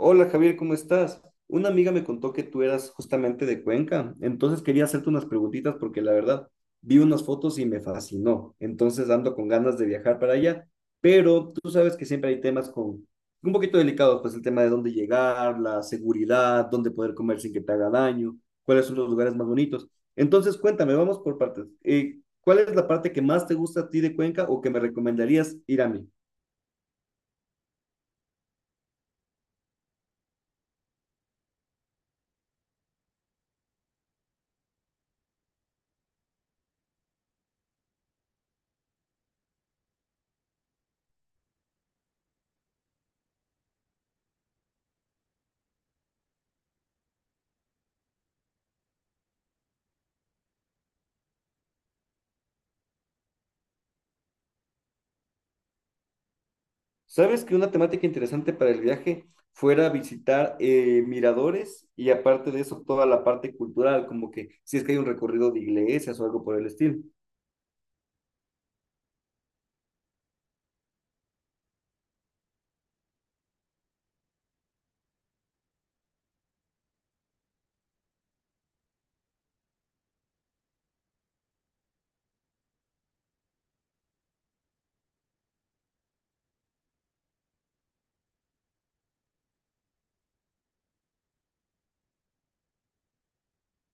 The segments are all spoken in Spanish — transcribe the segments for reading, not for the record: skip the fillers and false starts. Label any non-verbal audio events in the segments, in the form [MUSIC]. Hola Javier, ¿cómo estás? Una amiga me contó que tú eras justamente de Cuenca, entonces quería hacerte unas preguntitas porque la verdad vi unas fotos y me fascinó, entonces ando con ganas de viajar para allá, pero tú sabes que siempre hay temas con un poquito delicados, pues el tema de dónde llegar, la seguridad, dónde poder comer sin que te haga daño, cuáles son los lugares más bonitos. Entonces cuéntame, vamos por partes. ¿cuál es la parte que más te gusta a ti de Cuenca o que me recomendarías ir a mí? ¿Sabes que una temática interesante para el viaje fuera visitar miradores y aparte de eso toda la parte cultural, como que si es que hay un recorrido de iglesias o algo por el estilo?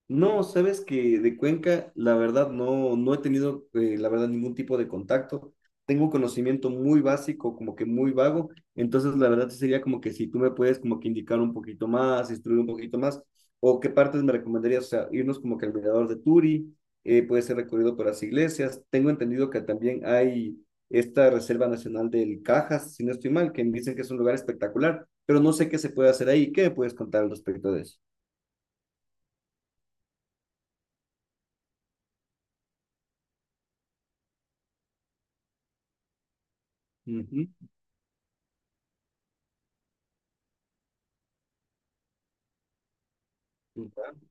No, sabes que de Cuenca, la verdad, no he tenido, la verdad, ningún tipo de contacto. Tengo un conocimiento muy básico, como que muy vago. Entonces, la verdad, sí sería como que si tú me puedes como que indicar un poquito más, instruir un poquito más, o qué partes me recomendarías, o sea, irnos como que al mirador de Turi, puede ser recorrido por las iglesias. Tengo entendido que también hay esta Reserva Nacional del Cajas, si no estoy mal, que me dicen que es un lugar espectacular, pero no sé qué se puede hacer ahí. ¿Qué me puedes contar al respecto de eso? Ujú.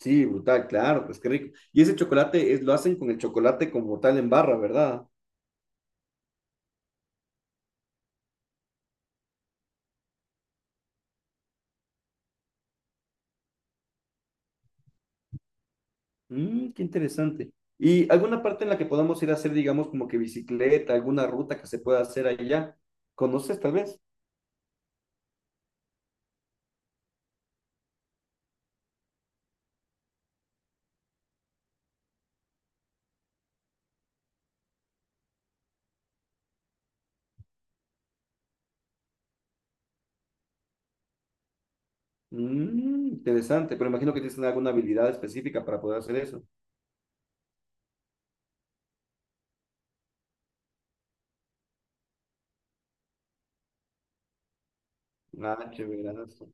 Sí, brutal, claro, pues qué rico. Y ese chocolate es, lo hacen con el chocolate como tal en barra, ¿verdad? Mm, qué interesante. ¿Y alguna parte en la que podamos ir a hacer, digamos, como que bicicleta, alguna ruta que se pueda hacer allá? ¿Conoces tal vez? Mm, interesante, pero imagino que tienes alguna habilidad específica para poder hacer eso. Ah, chéverazo.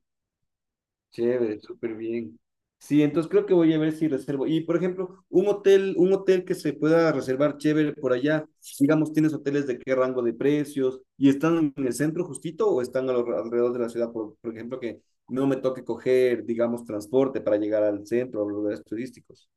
Chévere, súper bien. Sí, entonces creo que voy a ver si reservo. Y por ejemplo, un hotel que se pueda reservar chévere por allá. Digamos, ¿tienes hoteles de qué rango de precios? ¿Y están en el centro justito o están alrededor de la ciudad? Por ejemplo, que no me toque coger, digamos, transporte para llegar al centro, a los lugares turísticos.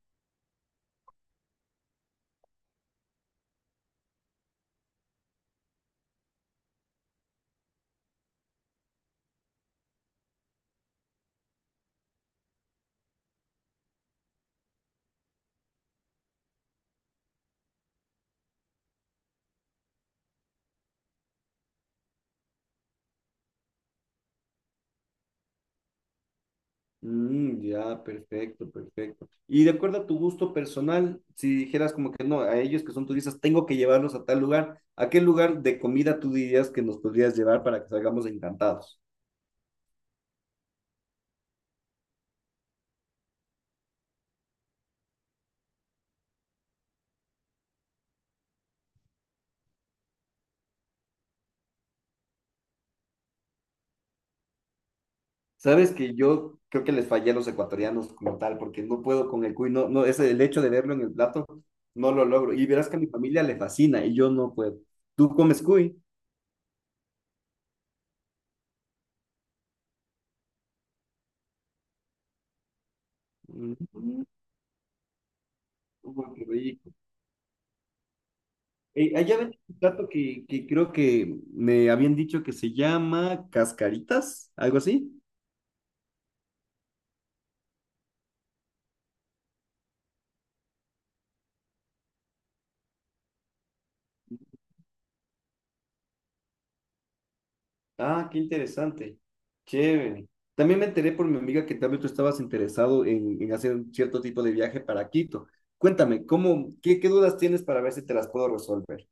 Mm, ya, perfecto, perfecto. Y de acuerdo a tu gusto personal, si dijeras como que no, a ellos que son turistas, tengo que llevarlos a tal lugar, ¿a qué lugar de comida tú dirías que nos podrías llevar para que salgamos encantados? Sabes que yo creo que les fallé a los ecuatorianos como tal, porque no puedo con el cuy, no, ese, el hecho de verlo en el plato, no lo logro. Y verás que a mi familia le fascina y yo no puedo. ¿Tú comes cuy? Mm, uy, qué rico. Allá ven un plato que creo que me habían dicho que se llama cascaritas, algo así. Ah, qué interesante. Chévere. También me enteré por mi amiga que también tú estabas interesado en hacer un cierto tipo de viaje para Quito. Cuéntame, ¿cómo, qué dudas tienes para ver si te las puedo resolver?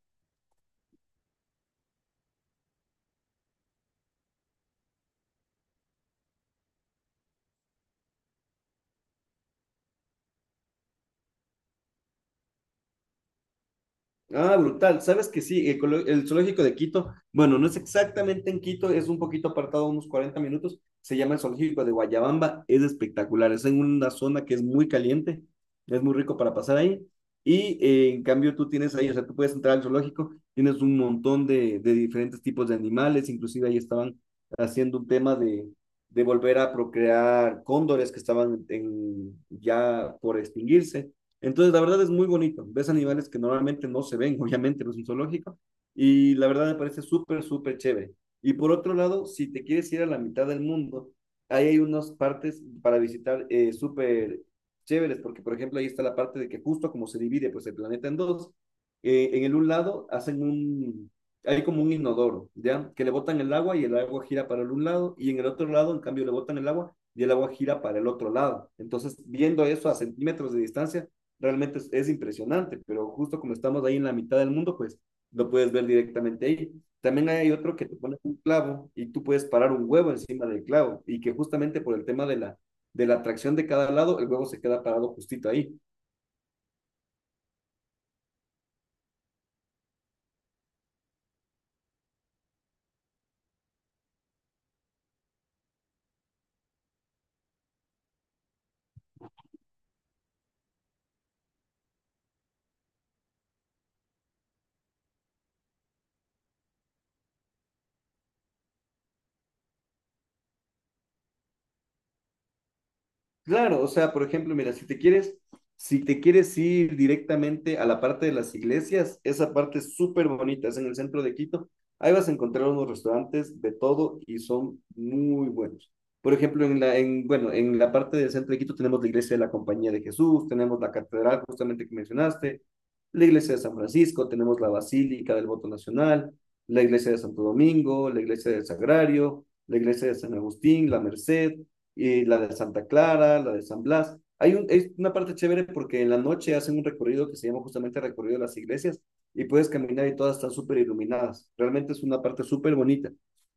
Ah, brutal. ¿Sabes que sí? El zoológico de Quito, bueno, no es exactamente en Quito, es un poquito apartado, unos 40 minutos. Se llama el zoológico de Guayabamba. Es espectacular. Es en una zona que es muy caliente. Es muy rico para pasar ahí. Y en cambio tú tienes ahí, o sea, tú puedes entrar al zoológico, tienes un montón de diferentes tipos de animales. Inclusive ahí estaban haciendo un tema de volver a procrear cóndores que estaban en, ya por extinguirse. Entonces, la verdad es muy bonito. Ves animales que normalmente no se ven, [LAUGHS] obviamente, no es un zoológico. Y la verdad me parece súper chévere. Y por otro lado, si te quieres ir a la mitad del mundo, ahí hay unas partes para visitar súper chéveres, porque por ejemplo ahí está la parte de que justo como se divide pues el planeta en dos, en el un lado hay como un inodoro, ¿ya? Que le botan el agua y el agua gira para el un lado, y en el otro lado, en cambio, le botan el agua y el agua gira para el otro lado. Entonces, viendo eso a centímetros de distancia, realmente impresionante, pero justo como estamos ahí en la mitad del mundo, pues lo puedes ver directamente ahí. También hay otro que te pone un clavo y tú puedes parar un huevo encima del clavo y que justamente por el tema de la atracción de cada lado, el huevo se queda parado justito ahí. Claro, o sea, por ejemplo, mira, si te quieres ir directamente a la parte de las iglesias, esa parte es súper bonita, es en el centro de Quito. Ahí vas a encontrar unos restaurantes de todo y son muy buenos. Por ejemplo, en la parte del centro de Quito tenemos la iglesia de la Compañía de Jesús, tenemos la catedral justamente que mencionaste, la iglesia de San Francisco, tenemos la Basílica del Voto Nacional, la iglesia de Santo Domingo, la iglesia del Sagrario, la iglesia de San Agustín, la Merced y la de Santa Clara, la de San Blas. Es una parte chévere porque en la noche hacen un recorrido que se llama justamente recorrido de las iglesias y puedes caminar y todas están súper iluminadas. Realmente es una parte súper bonita.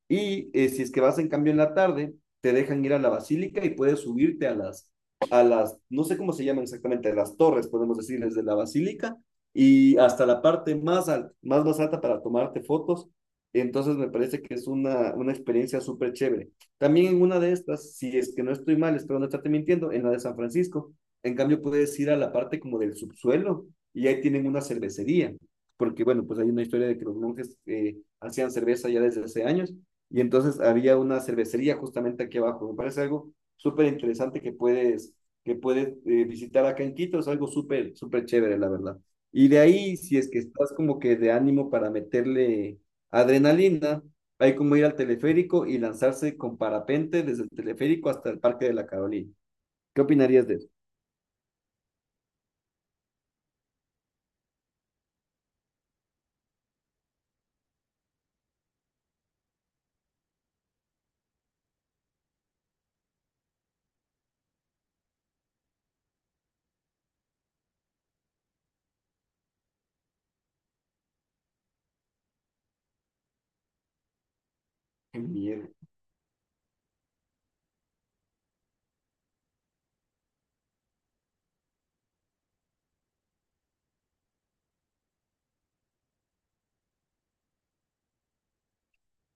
Y si es que vas en cambio en la tarde, te dejan ir a la basílica y puedes subirte a a las, no sé cómo se llaman exactamente, las torres, podemos decir, desde la basílica y hasta la parte más alta para tomarte fotos. Entonces me parece que es una experiencia súper chévere. También en una de estas, si es que no estoy mal, espero no estarte mintiendo, en la de San Francisco. En cambio, puedes ir a la parte como del subsuelo y ahí tienen una cervecería, porque bueno, pues hay una historia de que los monjes hacían cerveza ya desde hace años y entonces había una cervecería justamente aquí abajo. Me parece algo súper interesante que puedes visitar acá en Quito, es algo súper chévere, la verdad. Y de ahí, si es que estás como que de ánimo para meterle adrenalina, hay como ir al teleférico y lanzarse con parapente desde el teleférico hasta el Parque de la Carolina. ¿Qué opinarías de eso? Qué miedo.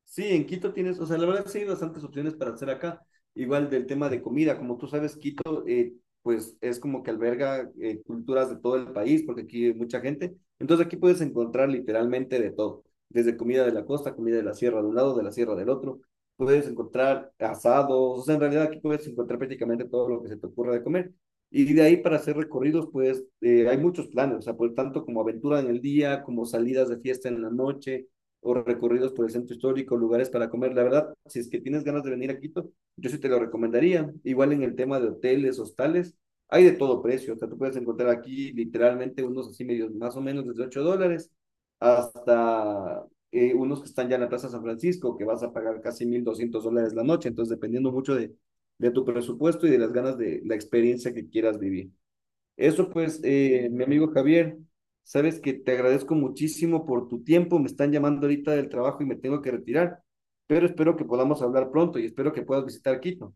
Sí, en Quito tienes, o sea, la verdad sí hay bastantes opciones para hacer acá. Igual del tema de comida, como tú sabes, Quito, pues es como que alberga culturas de todo el país, porque aquí hay mucha gente. Entonces aquí puedes encontrar literalmente de todo, desde comida de la costa, comida de la sierra de un lado, de la sierra del otro. Puedes encontrar asados, o sea, en realidad aquí puedes encontrar prácticamente todo lo que se te ocurra de comer. Y de ahí para hacer recorridos, pues hay muchos planes, o sea, por tanto como aventura en el día, como salidas de fiesta en la noche o recorridos por el centro histórico, lugares para comer. La verdad, si es que tienes ganas de venir a Quito, yo sí te lo recomendaría. Igual en el tema de hoteles, hostales, hay de todo precio. O sea, tú puedes encontrar aquí literalmente unos así medios, más o menos desde $8 hasta unos que están ya en la Plaza San Francisco, que vas a pagar casi $1.200 la noche. Entonces, dependiendo mucho de tu presupuesto y de las ganas de la experiencia que quieras vivir. Eso pues, mi amigo Javier, sabes que te agradezco muchísimo por tu tiempo. Me están llamando ahorita del trabajo y me tengo que retirar, pero espero que podamos hablar pronto y espero que puedas visitar Quito.